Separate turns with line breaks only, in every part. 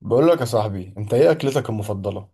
بقول لك يا صاحبي، انت ايه اكلتك المفضله؟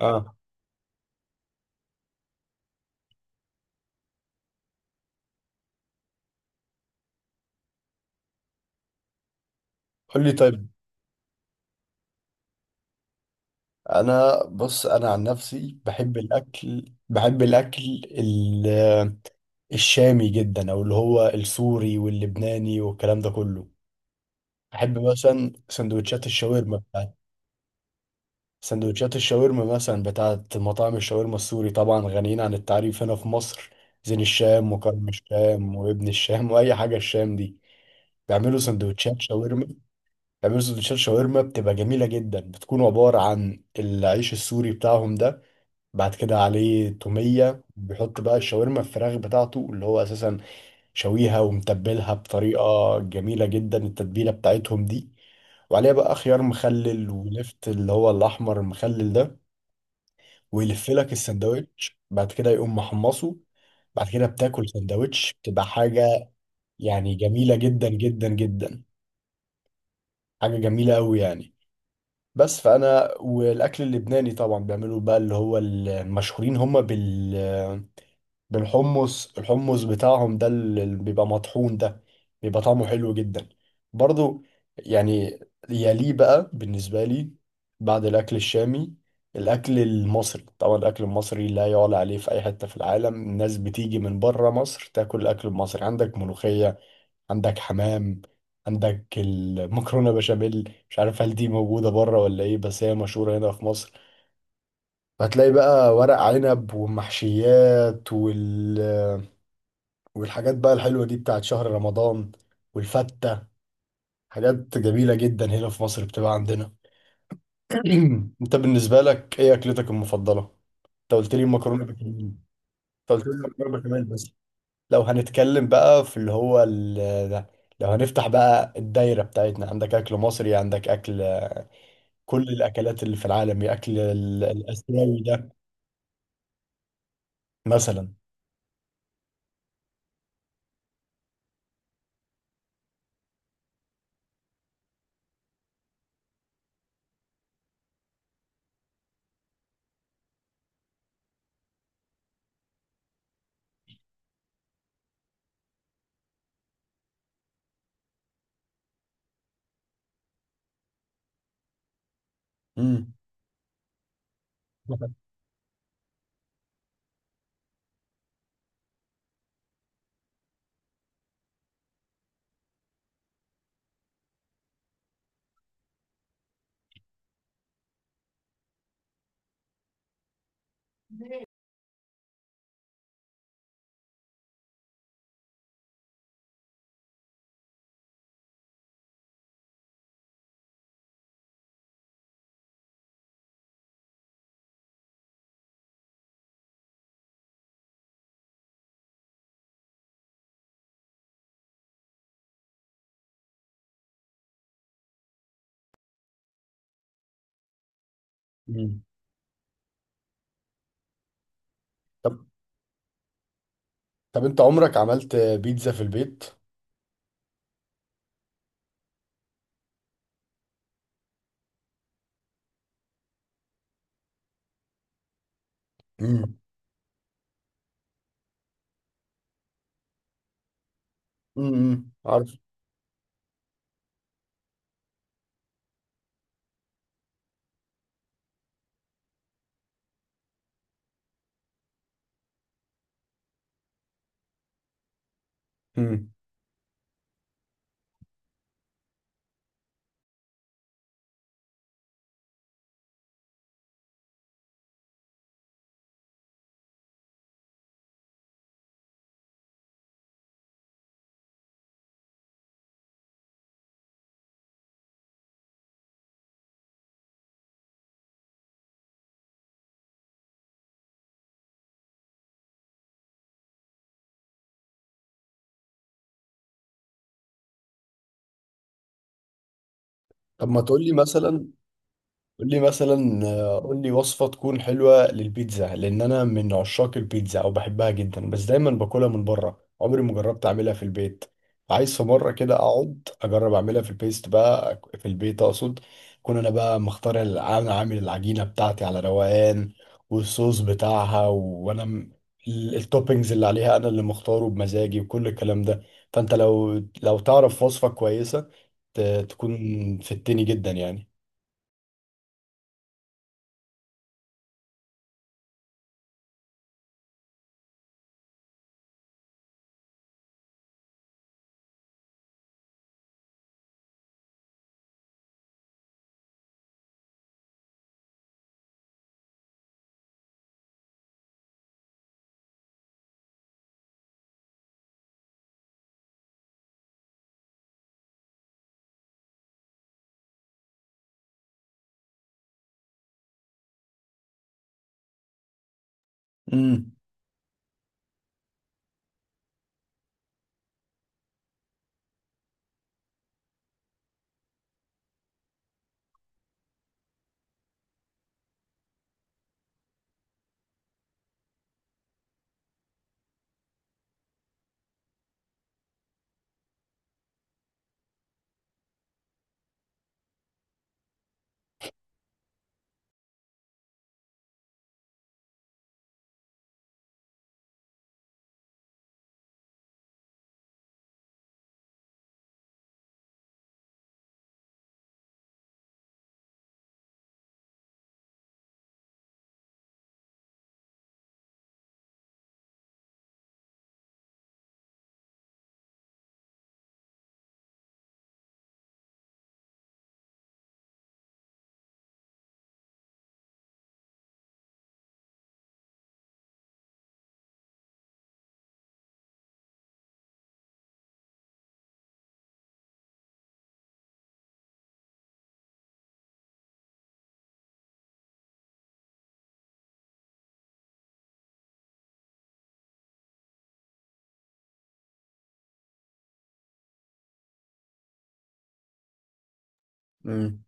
اه، قول لي طيب. انا بص، انا عن نفسي بحب الاكل. بحب الاكل ال- الشامي جدا، او اللي هو السوري واللبناني والكلام ده كله. بحب مثلا سندوتشات الشاورما بتاعت سندوتشات الشاورما مثلا بتاعت مطاعم الشاورما السوري، طبعا غنيين عن التعريف هنا في مصر. زين الشام وكرم الشام وابن الشام واي حاجه الشام دي بيعملوا سندوتشات شاورما. بيعملوا سندوتشات شاورما بتبقى جميلة جدا، بتكون عبارة عن العيش السوري بتاعهم ده، بعد كده عليه تومية، بيحط بقى الشاورما الفراخ بتاعته، اللي هو أساسا شويها ومتبلها بطريقة جميلة جدا، التتبيلة بتاعتهم دي، وعليها بقى خيار مخلل ولفت اللي هو الأحمر المخلل ده، ويلف لك السندوتش، بعد كده يقوم محمصه. بعد كده بتاكل سندوتش بتبقى حاجة، يعني جميلة جدا جدا جدا، حاجة جميلة أوي يعني. بس فانا والاكل اللبناني طبعا بيعملوا بقى اللي هو المشهورين هم بالحمص، الحمص بتاعهم ده اللي بيبقى مطحون ده بيبقى طعمه حلو جدا برضو، يعني. يليه بقى بالنسبة لي، بعد الاكل الشامي، الاكل المصري. طبعا الاكل المصري لا يعلى عليه في اي حتة في العالم، الناس بتيجي من بره مصر تاكل الاكل المصري. عندك ملوخية، عندك حمام، عندك المكرونه بشاميل، مش عارف هل دي موجوده بره ولا ايه، بس هي مشهوره هنا في مصر. هتلاقي بقى ورق عنب والمحشيات والحاجات بقى الحلوه دي بتاعت شهر رمضان، والفته، حاجات جميله جدا هنا في مصر بتبقى عندنا. انت بالنسبه لك ايه اكلتك المفضله؟ انت قلت لي المكرونه بشاميل، انت قلت لي المكرونه بشاميل بس. لو هنتكلم بقى في اللي هو ال... ده. لو هنفتح بقى الدايره بتاعتنا، عندك اكل مصري، عندك اكل كل الأكلات اللي في العالم، يا أكل الآسيوي ده مثلا. امم، امم. طب، طب أنت عمرك عملت بيتزا في البيت؟ امم، امم، عارف. امم، طب ما تقول لي مثلا، قول لي مثلا قول لي وصفة تكون حلوة للبيتزا، لأن أنا من عشاق البيتزا أو بحبها جدا، بس دايما باكلها من بره، عمري ما جربت أعملها في البيت. عايز في مرة كده أقعد أجرب أعملها في البيست بقى، في البيت أقصد، أكون أنا بقى مختار أنا عامل العجينة بتاعتي على روقان والصوص بتاعها، وأنا التوبينجز اللي عليها أنا اللي مختاره بمزاجي وكل الكلام ده. فأنت لو تعرف وصفة كويسة ت- تكون فدتني جدا يعني. مم.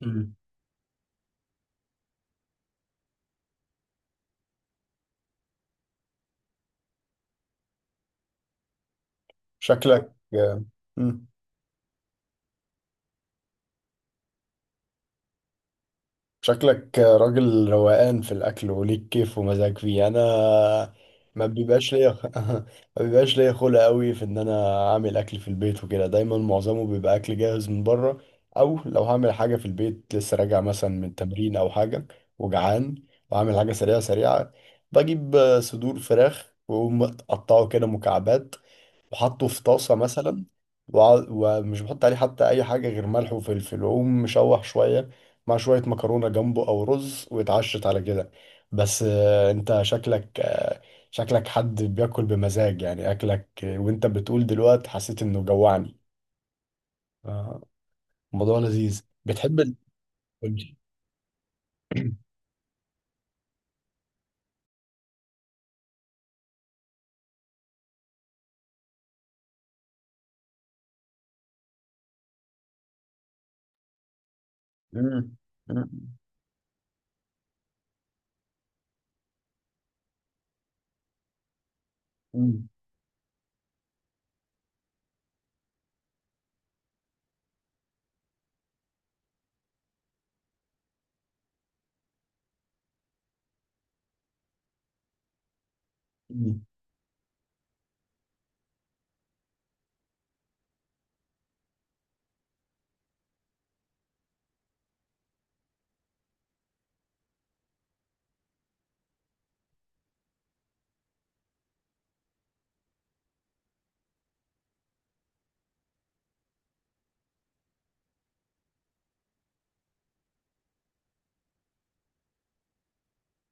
مم. شكلك. مم. شكلك راجل روقان في الأكل وليك كيف ومزاج فيه. أنا ما بيبقاش ليا ما بيبقاش ليا خلق أوي في إن أنا أعمل أكل في البيت وكده، دايما معظمه بيبقى أكل جاهز من بره. أو لو هعمل حاجة في البيت لسه راجع مثلا من تمرين أو حاجة وجعان، وعامل حاجة سريعة سريعة، بجيب صدور فراخ وأقوم أقطعه كده مكعبات وحطه في طاسة مثلا، ومش بحط عليه حتى أي حاجة غير ملح وفلفل، وأقوم مشوح شوية مع شوية مكرونة جنبه أو رز، واتعشت على كده. بس أنت شكلك، شكلك حد بياكل بمزاج، يعني أكلك، وأنت بتقول دلوقتي حسيت إنه جوعني. آه، الموضوع لذيذ. بتحب قولي. مم. مم. مم.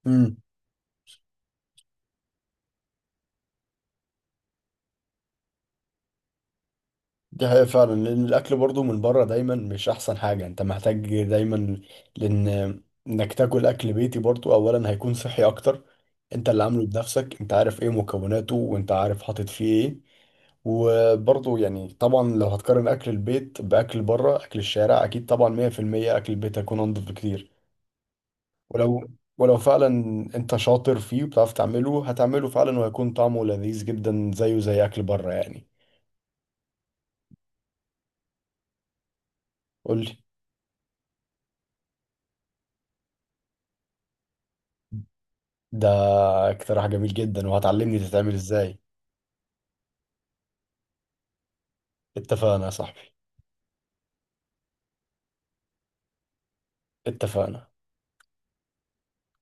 مم. دي حقيقة فعلا، لأن الأكل برضو من بره دايما مش أحسن حاجة، أنت محتاج دايما، لأن إنك تاكل أكل بيتي برضو أولا هيكون صحي أكتر، أنت اللي عامله بنفسك، أنت عارف إيه مكوناته، وأنت عارف حاطط فيه إيه. وبرضو يعني طبعا لو هتقارن أكل البيت بأكل بره أكل الشارع، أكيد طبعا 100% أكل البيت هيكون أنضف بكتير. ولو ولو فعلا أنت شاطر فيه وبتعرف تعمله، هتعمله فعلا وهيكون طعمه لذيذ جدا زيه زي أكل بره يعني. قولي. ده اقتراح جميل جدا، وهتعلمني تتعمل ازاي. اتفقنا يا صاحبي. اتفقنا.